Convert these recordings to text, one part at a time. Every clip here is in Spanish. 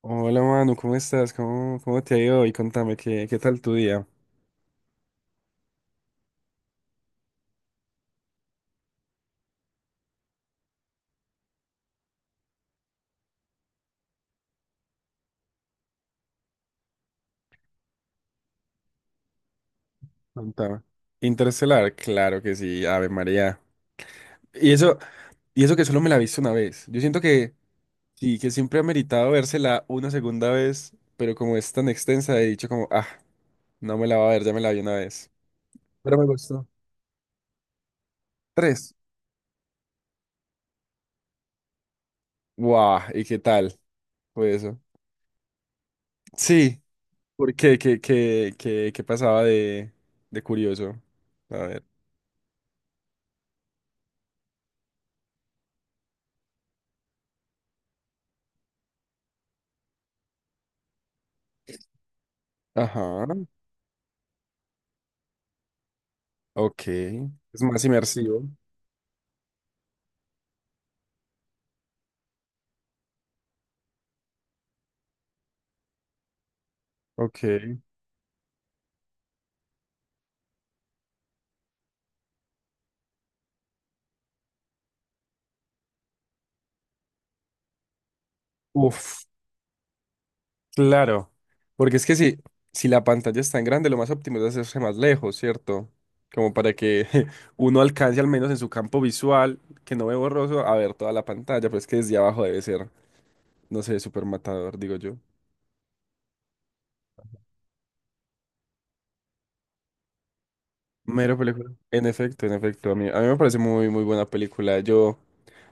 Hola Manu, ¿cómo estás? ¿Cómo te ha ido hoy? Contame, ¿qué tal tu día? Contame. Interestelar, claro que sí, Ave María. Y eso, y eso que solo me la he visto una vez. Yo siento que sí, que siempre ha meritado vérsela una segunda vez, pero como es tan extensa, he dicho como, ah, no me la va a ver, ya me la vi una vez. Pero me gustó. Tres. Guau, ¿y qué tal? Fue eso. Sí. ¿Por qué? ¿Qué pasaba de curioso? A ver. Ajá. Ok. Es más inmersivo. Ok. Uf, claro. Porque es que si la pantalla es tan grande, lo más óptimo es hacerse más lejos, ¿cierto? Como para que uno alcance al menos en su campo visual, que no ve borroso, a ver toda la pantalla, pero es que desde abajo debe ser, no sé, súper matador, digo yo. Mera película. En efecto, en efecto. A mí me parece muy, muy buena película. Yo,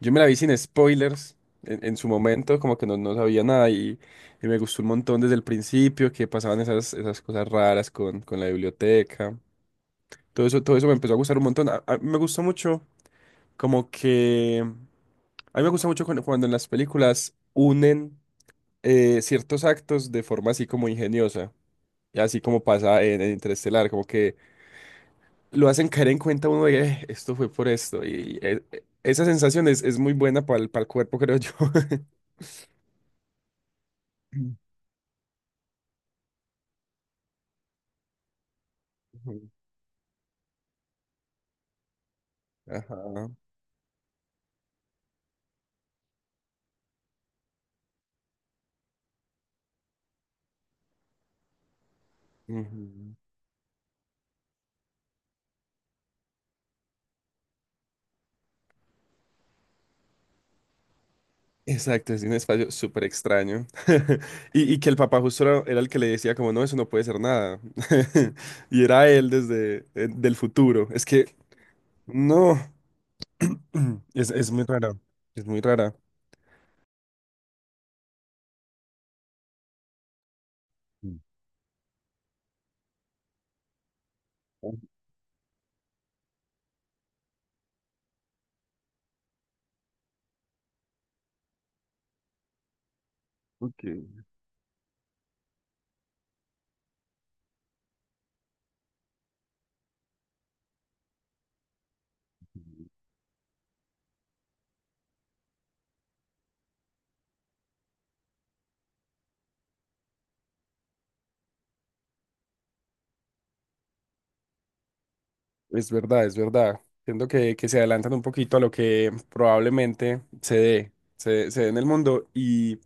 yo me la vi sin spoilers en su momento, como que no, no sabía nada y, y me gustó un montón desde el principio, que pasaban esas, esas cosas raras con la biblioteca. Todo eso me empezó a gustar un montón. Me gusta mucho, como que... A mí me gusta mucho cuando, cuando en las películas unen ciertos actos de forma así como ingeniosa. Y así como pasa en Interestelar, como que lo hacen caer en cuenta uno de esto fue por esto". Y esa sensación es muy buena para el cuerpo, creo yo. Ujú. Ajá. Ujú. Exacto, es un espacio súper extraño. Y, y que el papá justo era, era el que le decía como, no, eso no puede ser nada. Y era él desde del futuro. Es que, no, es muy rara. Es muy rara. Mm. Ok. Es verdad, es verdad. Siento que se adelantan un poquito a lo que probablemente se dé, se dé en el mundo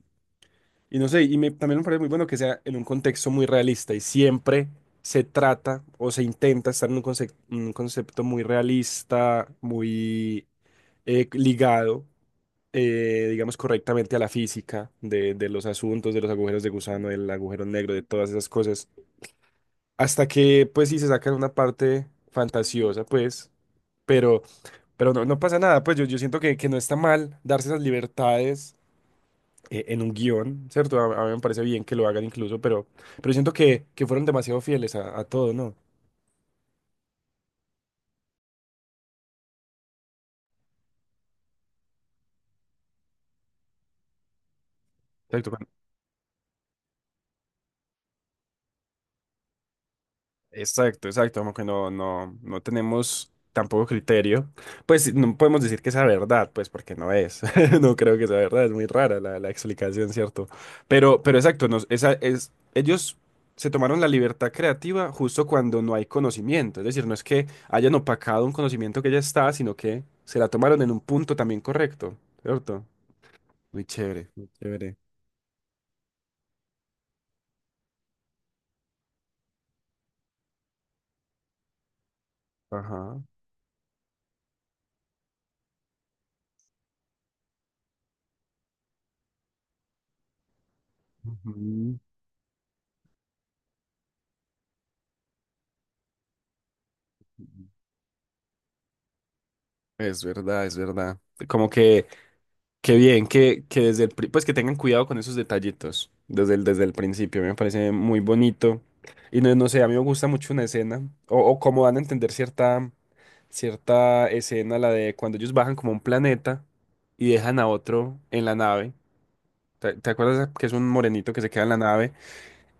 y no sé, y también me parece muy bueno que sea en un contexto muy realista y siempre se trata o se intenta estar en un, un concepto muy realista, muy ligado, digamos, correctamente a la física de los asuntos, de los agujeros de gusano, del agujero negro, de todas esas cosas, hasta que pues sí se sacan una parte fantasiosa, pues, pero... Pero no, no pasa nada, pues yo siento que no está mal darse esas libertades en un guión, ¿cierto? A mí me parece bien que lo hagan incluso, pero siento que fueron demasiado fieles a todo, ¿no? Exacto. Exacto, exacto, como que no, no, no tenemos tampoco criterio. Pues no podemos decir que sea verdad, pues porque no es. No creo que sea verdad, es muy rara la, la explicación, ¿cierto? Pero exacto, nos, esa es, ellos se tomaron la libertad creativa justo cuando no hay conocimiento. Es decir, no es que hayan opacado un conocimiento que ya está, sino que se la tomaron en un punto también correcto, ¿cierto? Muy chévere, muy chévere. Ajá. Ujú. Es verdad, es verdad. Como que qué bien que desde el, pues que tengan cuidado con esos detallitos desde el principio, me parece muy bonito. Y no, no sé, a mí me gusta mucho una escena, o cómo dan a entender cierta, cierta escena, la de cuando ellos bajan como a un planeta y dejan a otro en la nave. ¿Te acuerdas que es un morenito que se queda en la nave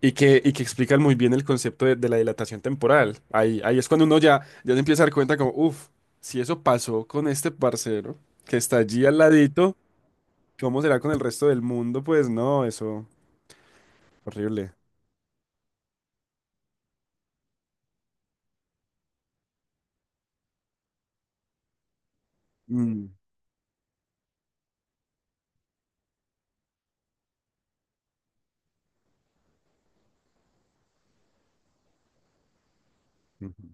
y que explican muy bien el concepto de la dilatación temporal? Ahí es cuando uno ya, ya se empieza a dar cuenta como, uff, si eso pasó con este parcero que está allí al ladito. ¿Cómo será con el resto del mundo? Pues no, eso, horrible. Mm, ujú,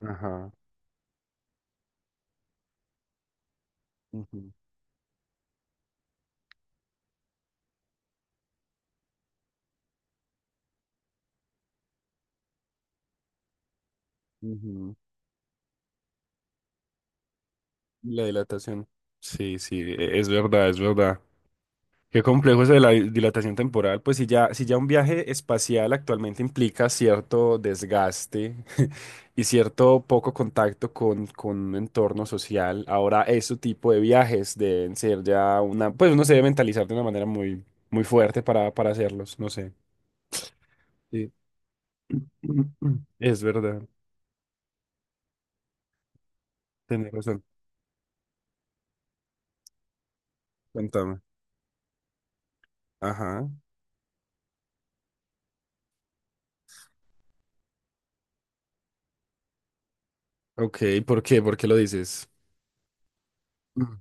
ajá. Ujú, ujú. Y la dilatación. Sí, sí, es verdad, es verdad. Qué complejo es de la dilatación temporal, pues si ya, si ya un viaje espacial actualmente implica cierto desgaste y cierto poco contacto con un entorno social, ahora ese tipo de viajes deben ser ya una, pues uno se debe mentalizar de una manera muy, muy fuerte para hacerlos, no sé. Es verdad, tenés razón. Cuéntame. Ajá. Ok, ¿por qué? ¿Por qué lo dices? Mm,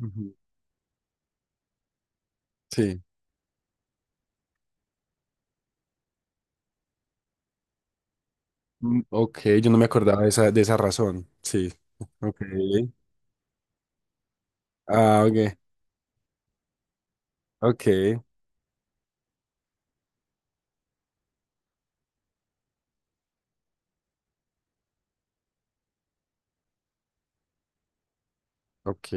ujú. Sí. Mm, ok, yo no me acordaba de esa razón. Sí. Ok. Ah, ok. Ok. Ok.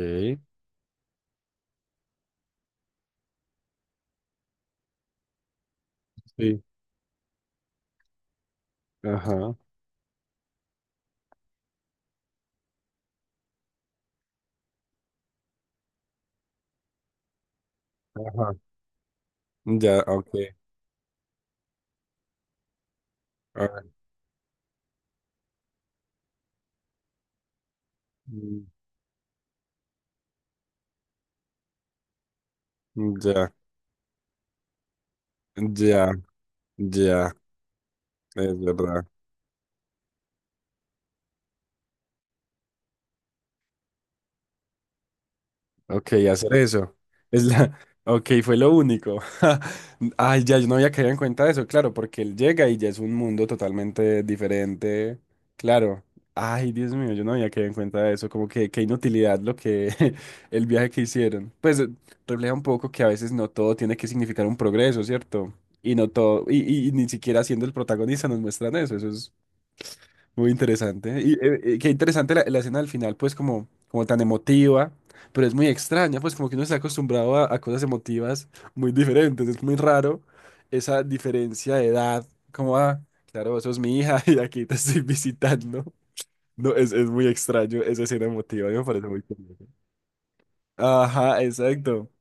Sí. Ajá. Ajá. Ya, ok. Ah, mm, ya, ya, ya. Es verdad. Ok, hacer eso. Es la... Ok, fue lo único. Ay, ya, yo no había caído en cuenta de eso, claro, porque él llega y ya es un mundo totalmente diferente. Claro. Ay, Dios mío, yo no había caído en cuenta de eso. Como que qué inutilidad lo que el viaje que hicieron. Pues refleja un poco que a veces no todo tiene que significar un progreso, ¿cierto? Y no todo, y, y ni siquiera siendo el protagonista nos muestran eso. Eso es muy interesante. Y qué interesante la, la escena al final, pues como, como tan emotiva, pero es muy extraña, pues como que uno está acostumbrado a cosas emotivas muy diferentes. Es muy raro esa diferencia de edad, como, ah, claro, eso es mi hija y aquí te estoy visitando. No, es muy extraño esa escena emotiva, a mí me parece muy curioso. Ajá, exacto.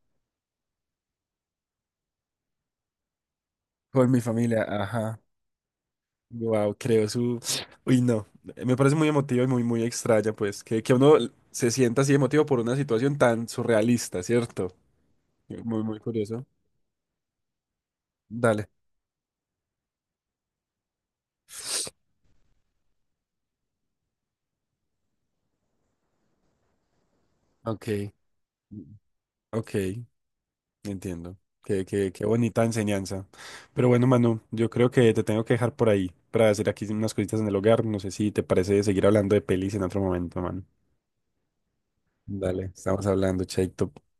Con mi familia, ajá. Wow, creo su. Uy, no. Me parece muy emotivo y muy, muy extraña, pues, que uno se sienta así emotivo por una situación tan surrealista, ¿cierto? Muy, muy curioso. Dale. Ok. Ok, entiendo. Qué bonita enseñanza. Pero bueno, Manu, yo creo que te tengo que dejar por ahí para hacer aquí unas cositas en el hogar. No sé si te parece seguir hablando de pelis en otro momento, Manu. Dale, estamos hablando, Chaito.